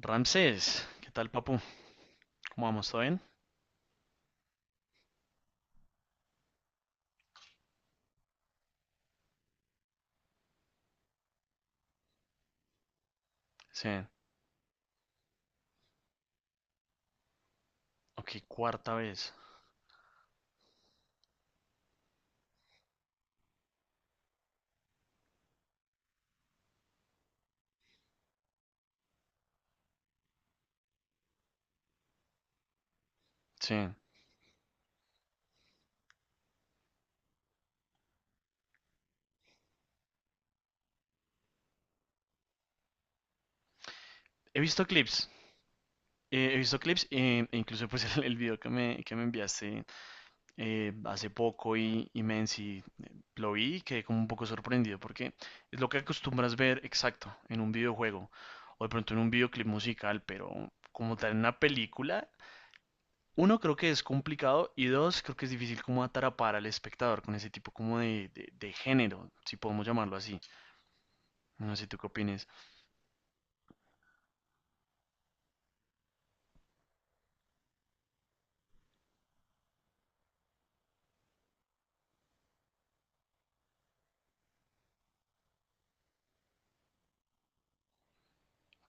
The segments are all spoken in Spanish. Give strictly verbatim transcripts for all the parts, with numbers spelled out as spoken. Ramsés, ¿qué tal, papu? ¿Cómo vamos? ¿Todo bien? Sí. Ok, cuarta vez. Sí. He visto clips. Eh, he visto clips eh, e incluso pues el, el video que me, que me enviaste eh, hace poco y, y Menzi lo vi y quedé como un poco sorprendido porque es lo que acostumbras ver exacto en un videojuego o de pronto en un videoclip musical, pero como tal en una película, uno creo que es complicado y dos creo que es difícil como atrapar al espectador con ese tipo como de, de de género, si podemos llamarlo así. No sé tú qué opines.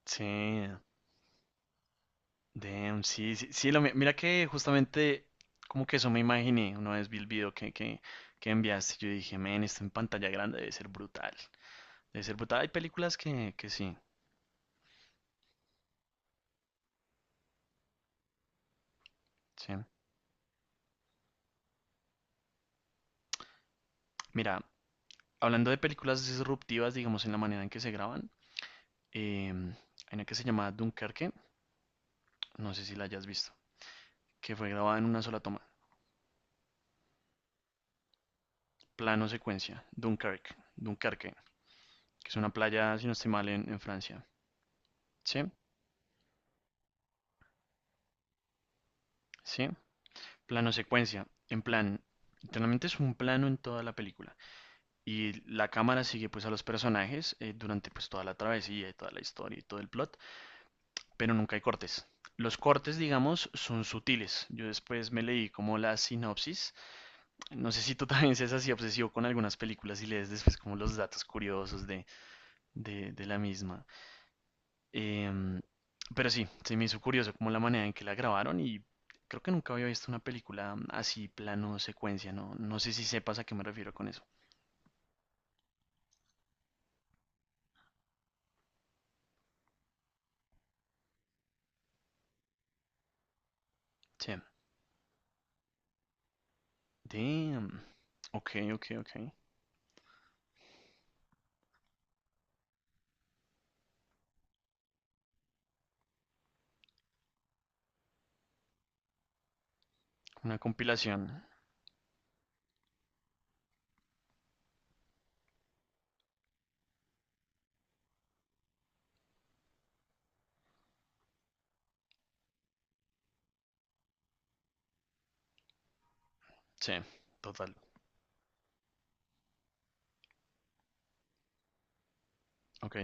Sí, damn, sí, sí, sí, lo mi- mira que justamente como que eso me imaginé una vez vi el video que, que, que enviaste. Yo dije, men, esto en pantalla grande debe ser brutal. Debe ser brutal. Hay películas que, que sí, sí. Mira, hablando de películas disruptivas, digamos, en la manera en que se graban, em, hay una que se llama Dunkerque, no sé si la hayas visto, que fue grabada en una sola toma, plano secuencia, Dunkerque, Dunkerque, que es una playa, si no estoy mal, en, en Francia. Sí, sí. Plano secuencia, en plan, literalmente es un plano en toda la película y la cámara sigue pues a los personajes eh, durante pues toda la travesía y toda la historia y todo el plot, pero nunca hay cortes. Los cortes, digamos, son sutiles. Yo después me leí como la sinopsis. No sé si tú también seas así obsesivo con algunas películas y lees después como los datos curiosos de, de, de la misma. Em, pero sí, se me hizo curioso como la manera en que la grabaron y creo que nunca había visto una película mm, así, plano, secuencia, ¿no? No sé si sepas a qué me refiero con eso. Sí. Damn. Ok, ok, ok. Una compilación. Sí, total. Ok.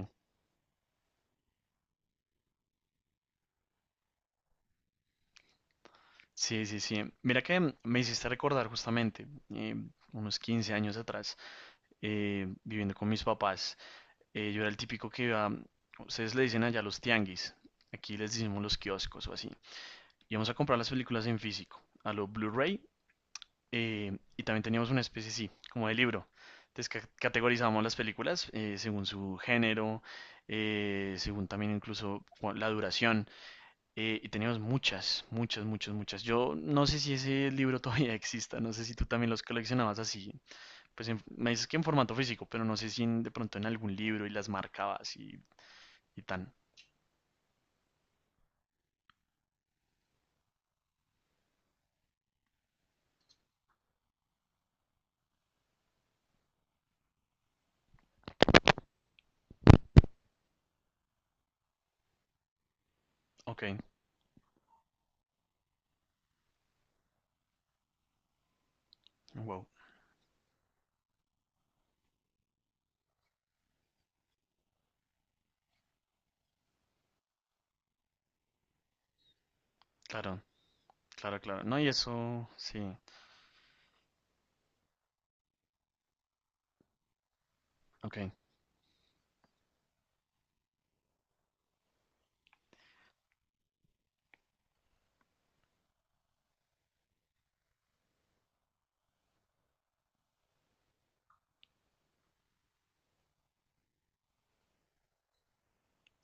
Sí, sí, sí. Mira que mm, me hiciste recordar justamente, eh, unos quince años atrás, eh, viviendo con mis papás, eh, yo era el típico que iba, ustedes le dicen allá los tianguis, aquí les decimos los kioscos o así. Íbamos a comprar las películas en físico, a lo Blu-ray, eh, y también teníamos una especie, sí, como de libro. Entonces ca- categorizábamos las películas eh, según su género, eh, según también incluso cua- la duración, eh, y teníamos muchas, muchas, muchas, muchas. Yo no sé si ese libro todavía exista, no sé si tú también los coleccionabas así, pues en- me dices que en formato físico, pero no sé si en- de pronto en algún libro y las marcabas y, y tan. Ok, wow, claro, claro, claro. No, y eso, sí, ok,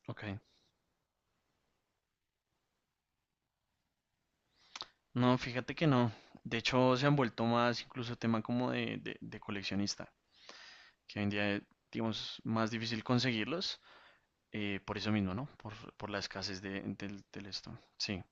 ok. No, fíjate que no. De hecho, se han vuelto más incluso tema como de, de- de coleccionista, que hoy en día, eh, digamos, más difícil conseguirlos, eh, por eso mismo, ¿no? Por, por la escasez de, del, del esto. Sí,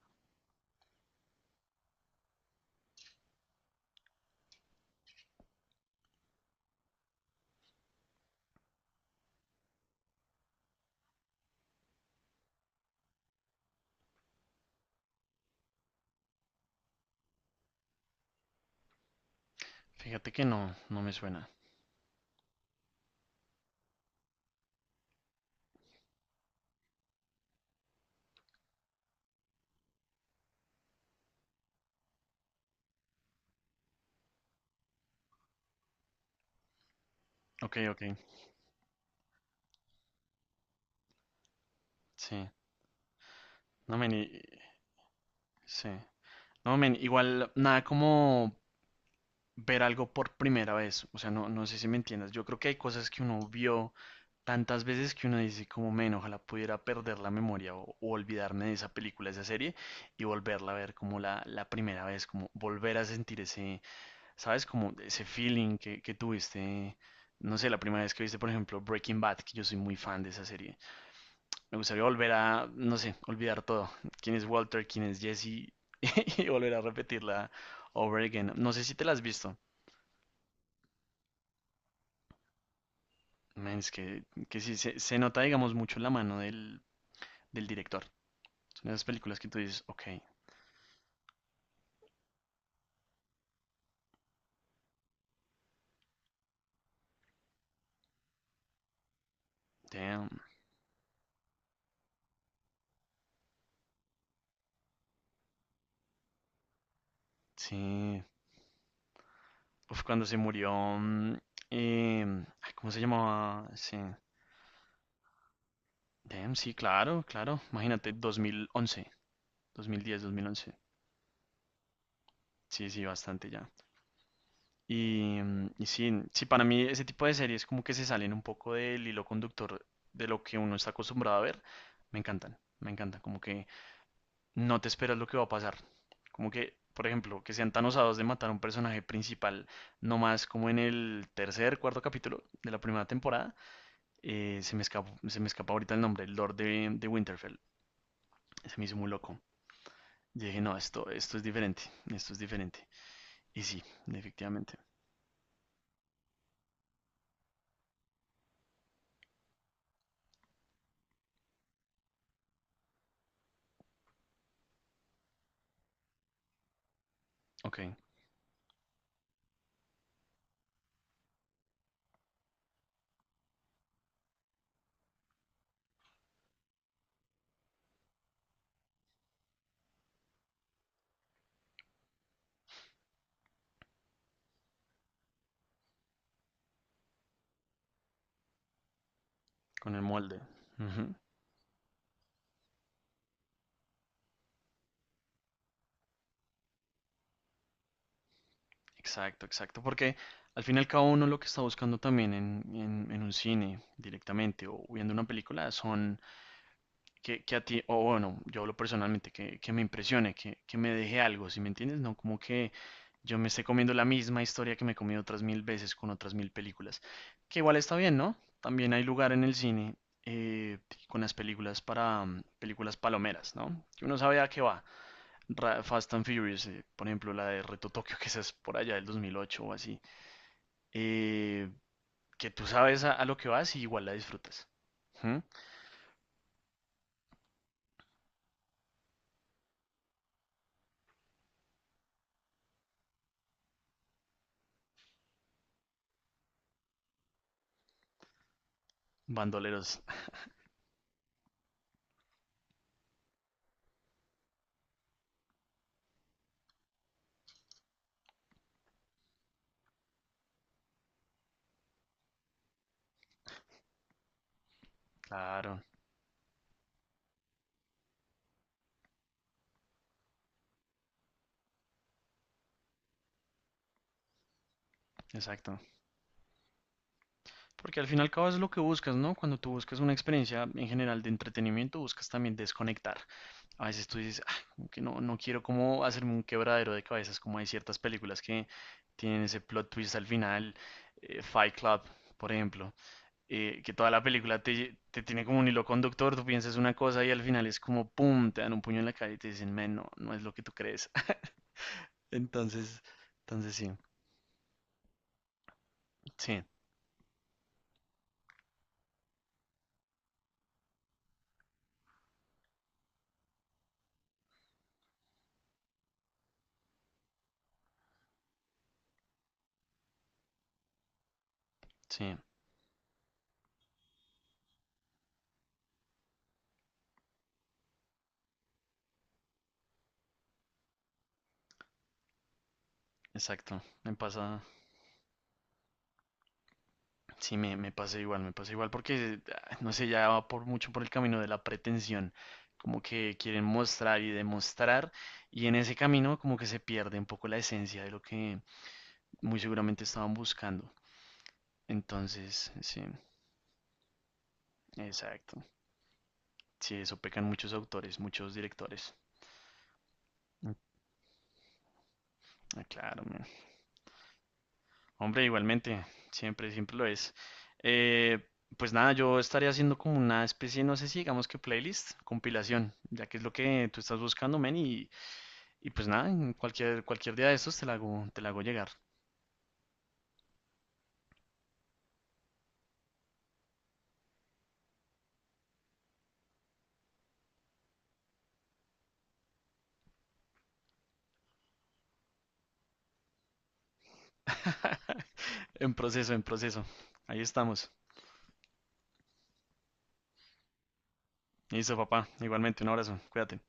fíjate que no, no me suena. Ok, ok, sí. No, men, y- sí. No, men, igual, nada como ver algo por primera vez. O sea, no, no sé si me entiendas. Yo creo que hay cosas que uno vio tantas veces que uno dice como men, ojalá pudiera perder la memoria o, o olvidarme de esa película, de esa serie y volverla a ver como la, la primera vez, como volver a sentir ese, ¿sabes? Como ese feeling que, que tuviste, no sé, la primera vez que viste, por ejemplo, Breaking Bad, que yo soy muy fan de esa serie. Me gustaría volver a, no sé, olvidar todo. ¿Quién es Walter? ¿Quién es Jesse? Y volver a repetirla over again. No sé si te la has visto. Man, es que, que sí, se, se nota, digamos, mucho la mano del, del director. Son esas películas que tú dices, ok, damn, sí. Uf, cuando se murió, mm, em, ay, ¿cómo se llamaba? Sí. Damn, sí, claro, claro. Imagínate, dos mil once, dos mil diez, dos mil once. Sí, sí, bastante ya. Y, mm, y sí, sí, para mí ese tipo de series como que se salen un poco del hilo conductor de lo que uno está acostumbrado a ver. Me encantan, me encantan. Como que no te esperas lo que va a pasar. Como que, por ejemplo, que sean tan osados de matar a un personaje principal, no más como en el tercer, cuarto capítulo de la primera temporada. Eh, se me escapó, se me escapa ahorita el nombre, el Lord de, de Winterfell. Se me hizo muy loco. Y dije, no, esto, esto es diferente, esto es diferente. Y sí, efectivamente. Ok, con el molde. Ujú, exacto, exacto. Porque al fin y al cabo uno lo que está buscando también en, en- en un cine directamente o viendo una película son que, que a ti, o bueno, yo hablo personalmente, que, que me impresione, que, que me deje algo, ¿sí me entiendes? No como que yo me esté comiendo la misma historia que me he comido otras mil veces con otras mil películas, que igual está bien, ¿no? También hay lugar en el cine eh, con las películas para mm, películas palomeras, ¿no? Que uno sabe a qué va. Ra- Fast and Furious, eh, por ejemplo, la de Reto Tokio, que esa es por allá del dos mil ocho o así, eh, que tú sabes a, a lo que vas y igual la disfrutas. ¿Mm? Bandoleros, claro, exacto. Porque al fin y al cabo es lo que buscas, ¿no? Cuando tú buscas una experiencia en general de entretenimiento, buscas también desconectar. A veces tú dices, "Ah, como que no, no quiero como hacerme un quebradero de cabezas", como hay ciertas películas que tienen ese plot twist al final, eh, Fight Club, por ejemplo, eh, que toda la película te, te tiene como un hilo conductor, tú piensas una cosa y al final es como, ¡pum!, te dan un puño en la cara y te dicen, men, no, no es lo que tú crees. Entonces, entonces sí, sí, sí, exacto. Me pasa, sí, me, me pasa igual, me pasa igual, porque, ah, no sé, ya va por mucho por el camino de la pretensión, como que quieren mostrar y demostrar, y en ese camino como que se pierde un poco la esencia de lo que muy seguramente estaban buscando. Entonces, sí, exacto. Sí, eso pecan muchos autores, muchos directores. Mm. Ah, claro, man. Hombre, igualmente, siempre, siempre lo es. Eh, pues nada, yo estaría haciendo como una especie, no sé si digamos que playlist, compilación, ya que es lo que tú estás buscando, men, y Y pues nada, en cualquier, cualquier día de estos te la hago, te la hago llegar. En proceso, en proceso. Ahí estamos. Listo, papá. Igualmente, un abrazo. Cuídate.